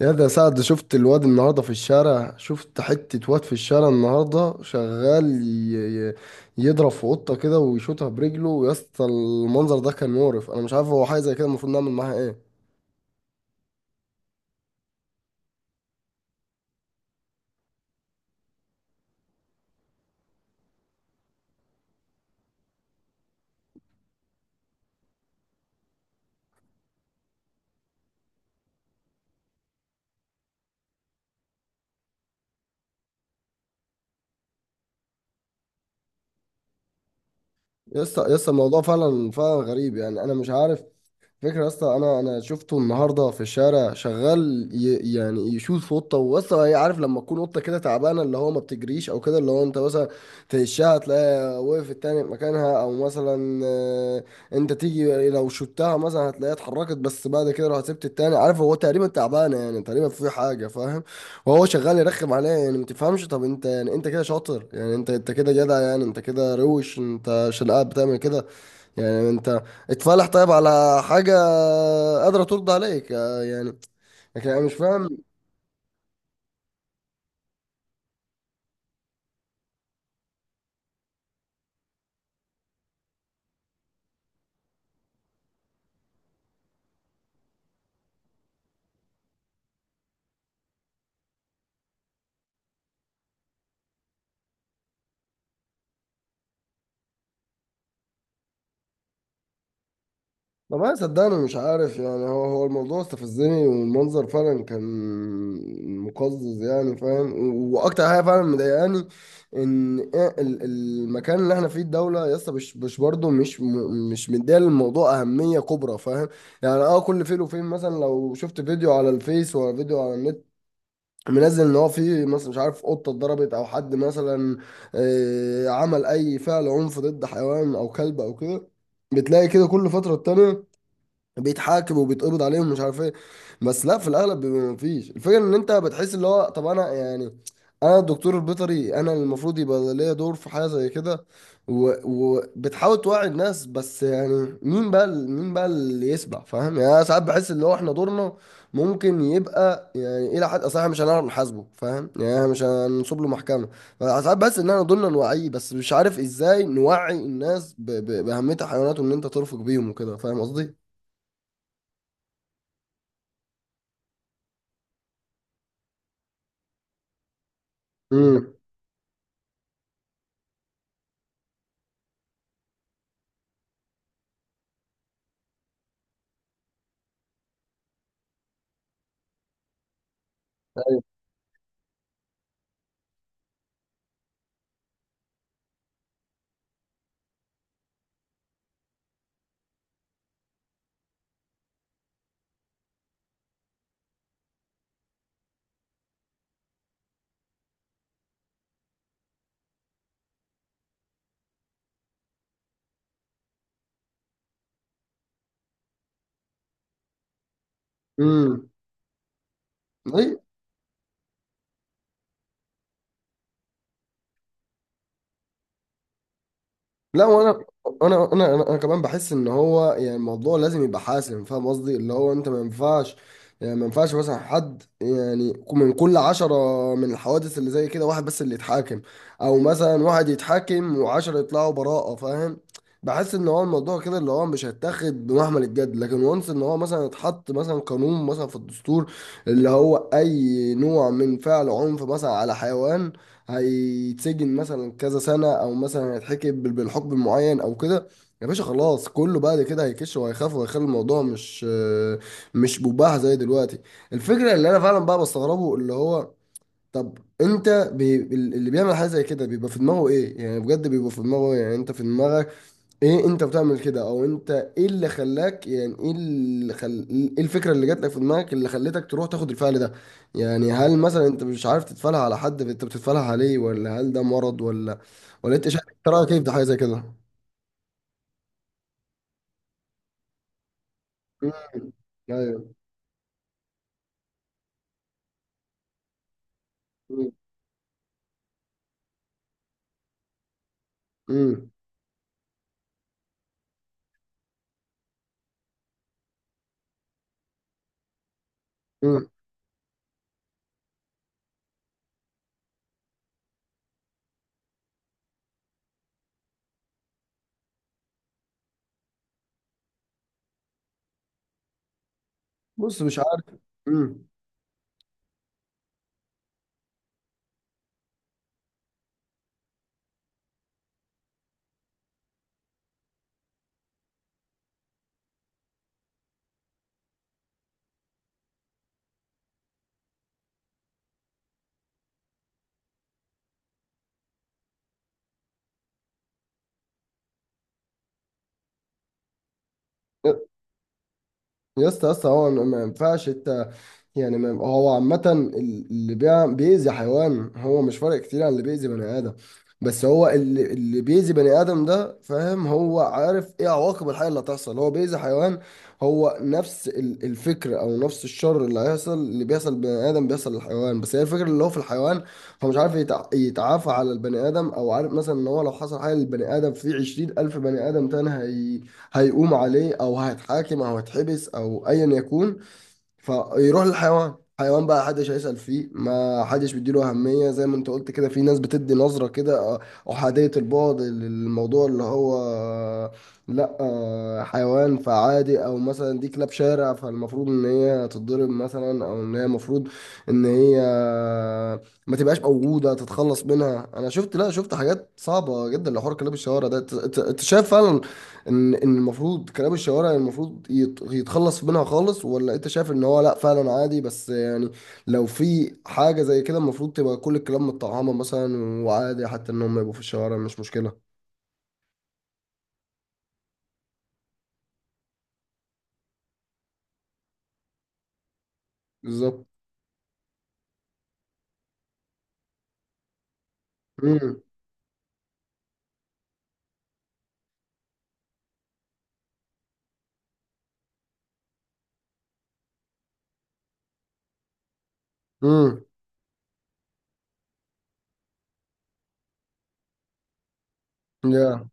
يا ده سعد، شفت الواد النهارده في الشارع. شفت حتة واد في الشارع النهارده شغال يضرب في قطة كده ويشوطها برجله. يا اسطى، المنظر ده كان مقرف. انا مش عارف، هو حاجة زي كده المفروض نعمل معاها ايه؟ يا اسطى يا اسطى، الموضوع فعلا فعلا غريب، يعني انا مش عارف. فكرة يا اسطى، انا شفته النهارده في الشارع شغال يعني يشوط في قطه. واسطى، هي عارف لما تكون قطه كده تعبانه، اللي هو ما بتجريش او كده، اللي هو انت مثلا تهشها تلاقيها وقفت تاني في مكانها، او مثلا آه، انت تيجي لو شوتها مثلا هتلاقيها اتحركت، بس بعد كده لو سبت التاني عارف هو تقريبا تعبانه، يعني تقريبا في حاجه فاهم. وهو شغال يرخم عليها. يعني ما تفهمش، طب انت يعني انت كده شاطر؟ يعني انت كده جدع؟ يعني انت كده روش انت عشان قاعد بتعمل كده؟ يعني انت اتفلح طيب على حاجة قادرة ترضى عليك؟ آه، يعني لكن انا مش فاهم. والله صدقني مش عارف، يعني هو الموضوع استفزني، والمنظر فعلا كان مقزز يعني فاهم. واكتر حاجة فعلا مضايقاني ان ايه المكان اللي احنا فيه، الدولة يا اسطى مش برضه مش مديه للموضوع اهمية كبرى فاهم. يعني اه، كل فين وفين مثلا لو شفت فيديو على الفيس ولا فيديو على النت منزل ان هو في مثلا مش عارف قطه اتضربت، او حد مثلا آه، عمل اي فعل عنف ضد حيوان او كلب او كده، بتلاقي كده كل فتره تانية بيتحاكموا وبيتقبض عليهم مش عارف ايه. بس لا، في الاغلب بيبقى مفيش. الفكره ان انت بتحس اللي هو طب انا يعني انا الدكتور البيطري، انا المفروض يبقى ليا دور في حاجه زي كده وبتحاول توعي الناس. بس يعني مين بقى مين بقى اللي يسمع فاهم؟ يعني انا ساعات بحس اللي هو احنا دورنا ممكن يبقى يعني الى حد، اصل احنا مش هنعرف نحاسبه فاهم، يعني احنا مش هنصب له محكمه. ساعات بحس ان احنا دورنا نوعيه، بس مش عارف ازاي نوعي الناس باهميه الحيوانات، وان انت ترفق بيهم وكده فاهم قصدي. امم. امم. اي. لا، وانا انا انا انا أنا كمان بحس ان هو يعني الموضوع لازم يبقى حاسم فاهم قصدي، اللي هو انت ما ينفعش يعني ما ينفعش مثلا حد، يعني من كل 10 من الحوادث اللي زي كده واحد بس اللي يتحاكم، او مثلا واحد يتحاكم وعشرة يطلعوا براءة فاهم. بحس ان هو الموضوع كده اللي هو مش هيتاخد بمحمل الجد. لكن وانس ان هو مثلا اتحط مثلا قانون مثلا في الدستور، اللي هو اي نوع من فعل عنف مثلا على حيوان هيتسجن مثلا كذا سنة، او مثلا هيتحكم بالحكم المعين او كده. يا باشا خلاص، كله بعد كده هيكش وهيخاف وهيخلي الموضوع مش مباح زي دلوقتي. الفكرة اللي انا فعلا بقى بستغربه اللي هو طب انت اللي بيعمل حاجة زي كده بيبقى في دماغه ايه؟ يعني بجد بيبقى في دماغه إيه؟ يعني انت في دماغك ايه انت بتعمل كده؟ او انت ايه اللي خلاك يعني ايه الفكره اللي جات لك في دماغك اللي خلتك تروح تاخد الفعل ده؟ يعني هل مثلا انت مش عارف تتفعلها على حد انت بتتفعلها عليه؟ ولا هل ده مرض؟ ولا ولا انت شايف، انت رايك كيف ده حاجه زي كده؟ مم. ايوه. مم. مم. مم. بص مش عارف. مم. يا اسطى يا اسطى، هو ما ينفعش انت، يعني ما هو عامة اللي بيأذي حيوان هو مش فارق كتير عن اللي بيأذي بني آدم. بس هو اللي بيأذي بني آدم ده فاهم هو عارف ايه عواقب الحاجة اللي هتحصل. هو بيأذي حيوان، هو نفس الفكر او نفس الشر اللي هيحصل، اللي بيحصل لبني آدم بيحصل للحيوان. بس هي الفكرة اللي هو في الحيوان هو مش عارف يتعافى على البني آدم، او عارف مثلا ان هو لو حصل حاجة للبني آدم في 20,000 بني آدم تاني هي هيقوم عليه او هيتحاكم او هيتحبس او ايا يكون. فيروح للحيوان. حيوان بقى حدش هيسأل فيه، ما حدش بيديله أهمية. زي ما انت قلت كده، في ناس بتدي نظرة كده آه، أحادية البعد للموضوع اللي هو آه، لا آه، حيوان فعادي، او مثلا دي كلاب شارع فالمفروض ان هي تتضرب مثلا، او ان هي المفروض ان هي ما تبقاش موجودة تتخلص منها. انا شفت، لا شفت حاجات صعبة جدا لحوار كلاب الشوارع ده. انت أنت شايف فعلا ان ان المفروض كلام الشوارع يعني المفروض يتخلص منها خالص، ولا انت شايف ان هو لا فعلا عادي، بس يعني لو في حاجة زي كده المفروض تبقى كل الكلام متطعمة مثلا، وعادي حتى ان هم يبقوا في الشوارع مش مشكلة؟ بالظبط. امم. امم. يا.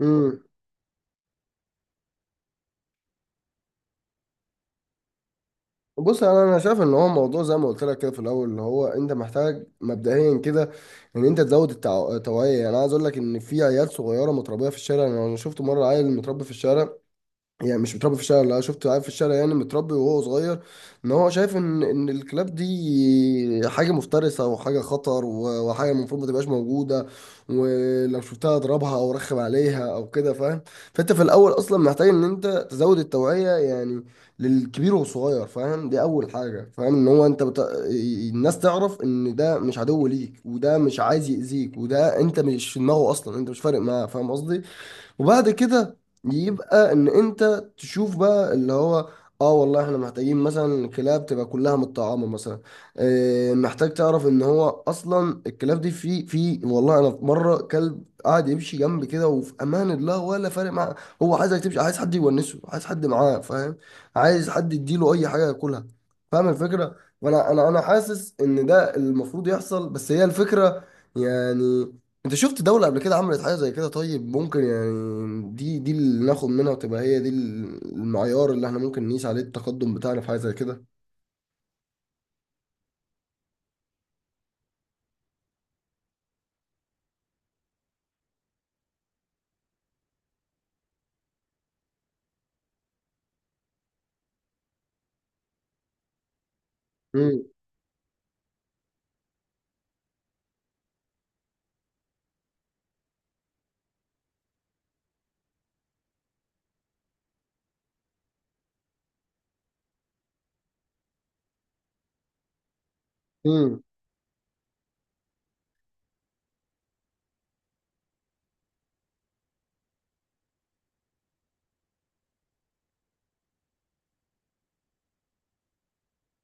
امم. بص انا شايف ان هو موضوع زي ما قلت لك كده في الاول، اللي هو انت محتاج مبدئيا كده ان انت تزود التوعيه. يعني عايز اقول لك ان في عيال صغيره متربيه في الشارع. انا شفت مره عيل متربي في الشارع، يعني مش متربي في الشارع، لا شفته قاعد في الشارع يعني متربي وهو صغير، ان هو شايف ان ان الكلاب دي حاجه مفترسه وحاجه خطر وحاجه المفروض ما تبقاش موجوده، ولو شفتها اضربها او رخم عليها او كده فاهم. فانت في الاول اصلا محتاج ان انت تزود التوعيه يعني، للكبير والصغير فاهم. دي اول حاجه فاهم، ان هو انت الناس تعرف ان ده مش عدو ليك، وده مش عايز يأذيك، وده انت مش في دماغه اصلا، انت مش فارق معاه فاهم قصدي. وبعد كده يبقى ان انت تشوف بقى اللي هو اه والله احنا محتاجين مثلا الكلاب تبقى كلها متطعمه مثلا. اه محتاج تعرف ان هو اصلا الكلاب دي في في والله انا في مره كلب قاعد يمشي جنبي كده وفي امان الله، ولا فارق معاه. هو عايزك تمشي، عايز حد يونسه، عايز حد معاه فاهم، عايز حد يديله اي حاجه ياكلها فاهم الفكره. فانا انا انا حاسس ان ده المفروض يحصل. بس هي الفكره، يعني انت شفت دولة قبل كده عملت حاجة زي كده؟ طيب ممكن يعني دي اللي ناخد منها، وتبقى هي دي المعيار اللي احنا ممكن نقيس عليه التقدم بتاعنا في حاجة زي كده. امم.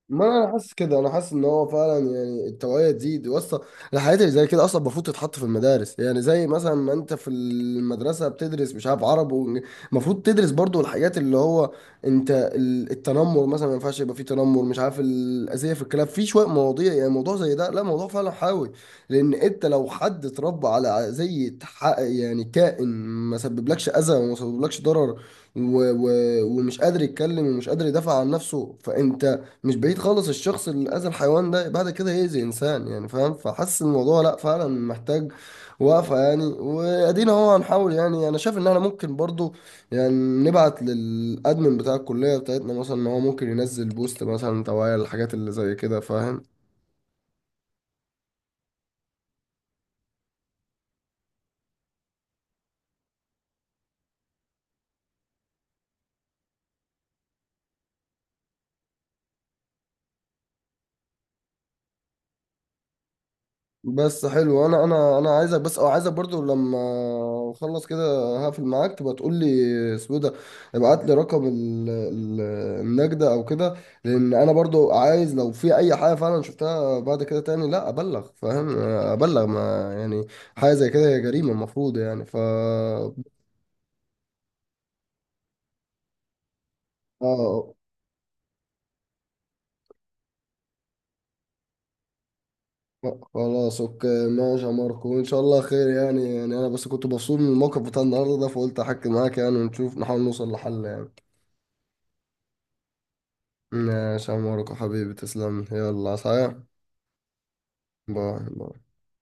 ما انا حاسس كده، انا حاسس ان هو فعلا يعني التوعيه تزيد واسطه. الحاجات اللي زي كده اصلا المفروض تتحط في المدارس. يعني زي مثلا ما انت في المدرسه بتدرس مش عارف عرب المفروض تدرس برضو الحاجات اللي هو انت التنمر مثلا. ما ينفعش يبقى فيه تنمر مش عارف الاذيه في الكلام، في شويه مواضيع يعني موضوع زي ده، لا موضوع فعلا حيوي. لان انت لو حد اتربى على زي يعني كائن ما سببلكش اذى وما سببلكش ضرر، و... و... ومش قادر يتكلم ومش قادر يدافع عن نفسه، فانت مش بعيد خالص الشخص اللي اذى الحيوان ده بعد كده يأذي انسان يعني فاهم. فحس الموضوع لا فعلا محتاج وقفة يعني. وادينا اهو هنحاول. يعني انا شايف ان احنا ممكن برضو يعني نبعت للادمن بتاع الكلية بتاعتنا مثلا، ان هو ممكن ينزل بوست مثلا توعية للحاجات اللي زي كده فاهم. بس حلو، انا عايزك بس، او عايزك برضو لما اخلص كده هقفل معاك تبقى تقول لي اسمه إيه ده. ابعت لي رقم النجدة او كده، لان انا برضو عايز لو في اي حاجة فعلا شفتها بعد كده تاني لا ابلغ فاهم. ابلغ ما يعني حاجة زي كده هي جريمة المفروض يعني ف آه، آه، خلاص اوكي ماشي يا ماركو، وان شاء الله خير. يعني يعني انا بس كنت مبسوط من الموقف بتاع النهارده ده، فقلت احكي معاك يعني ونشوف نحاول نوصل لحل يعني. ماشي يا ماركو حبيبي، تسلم. يلا صحيح، باي باي.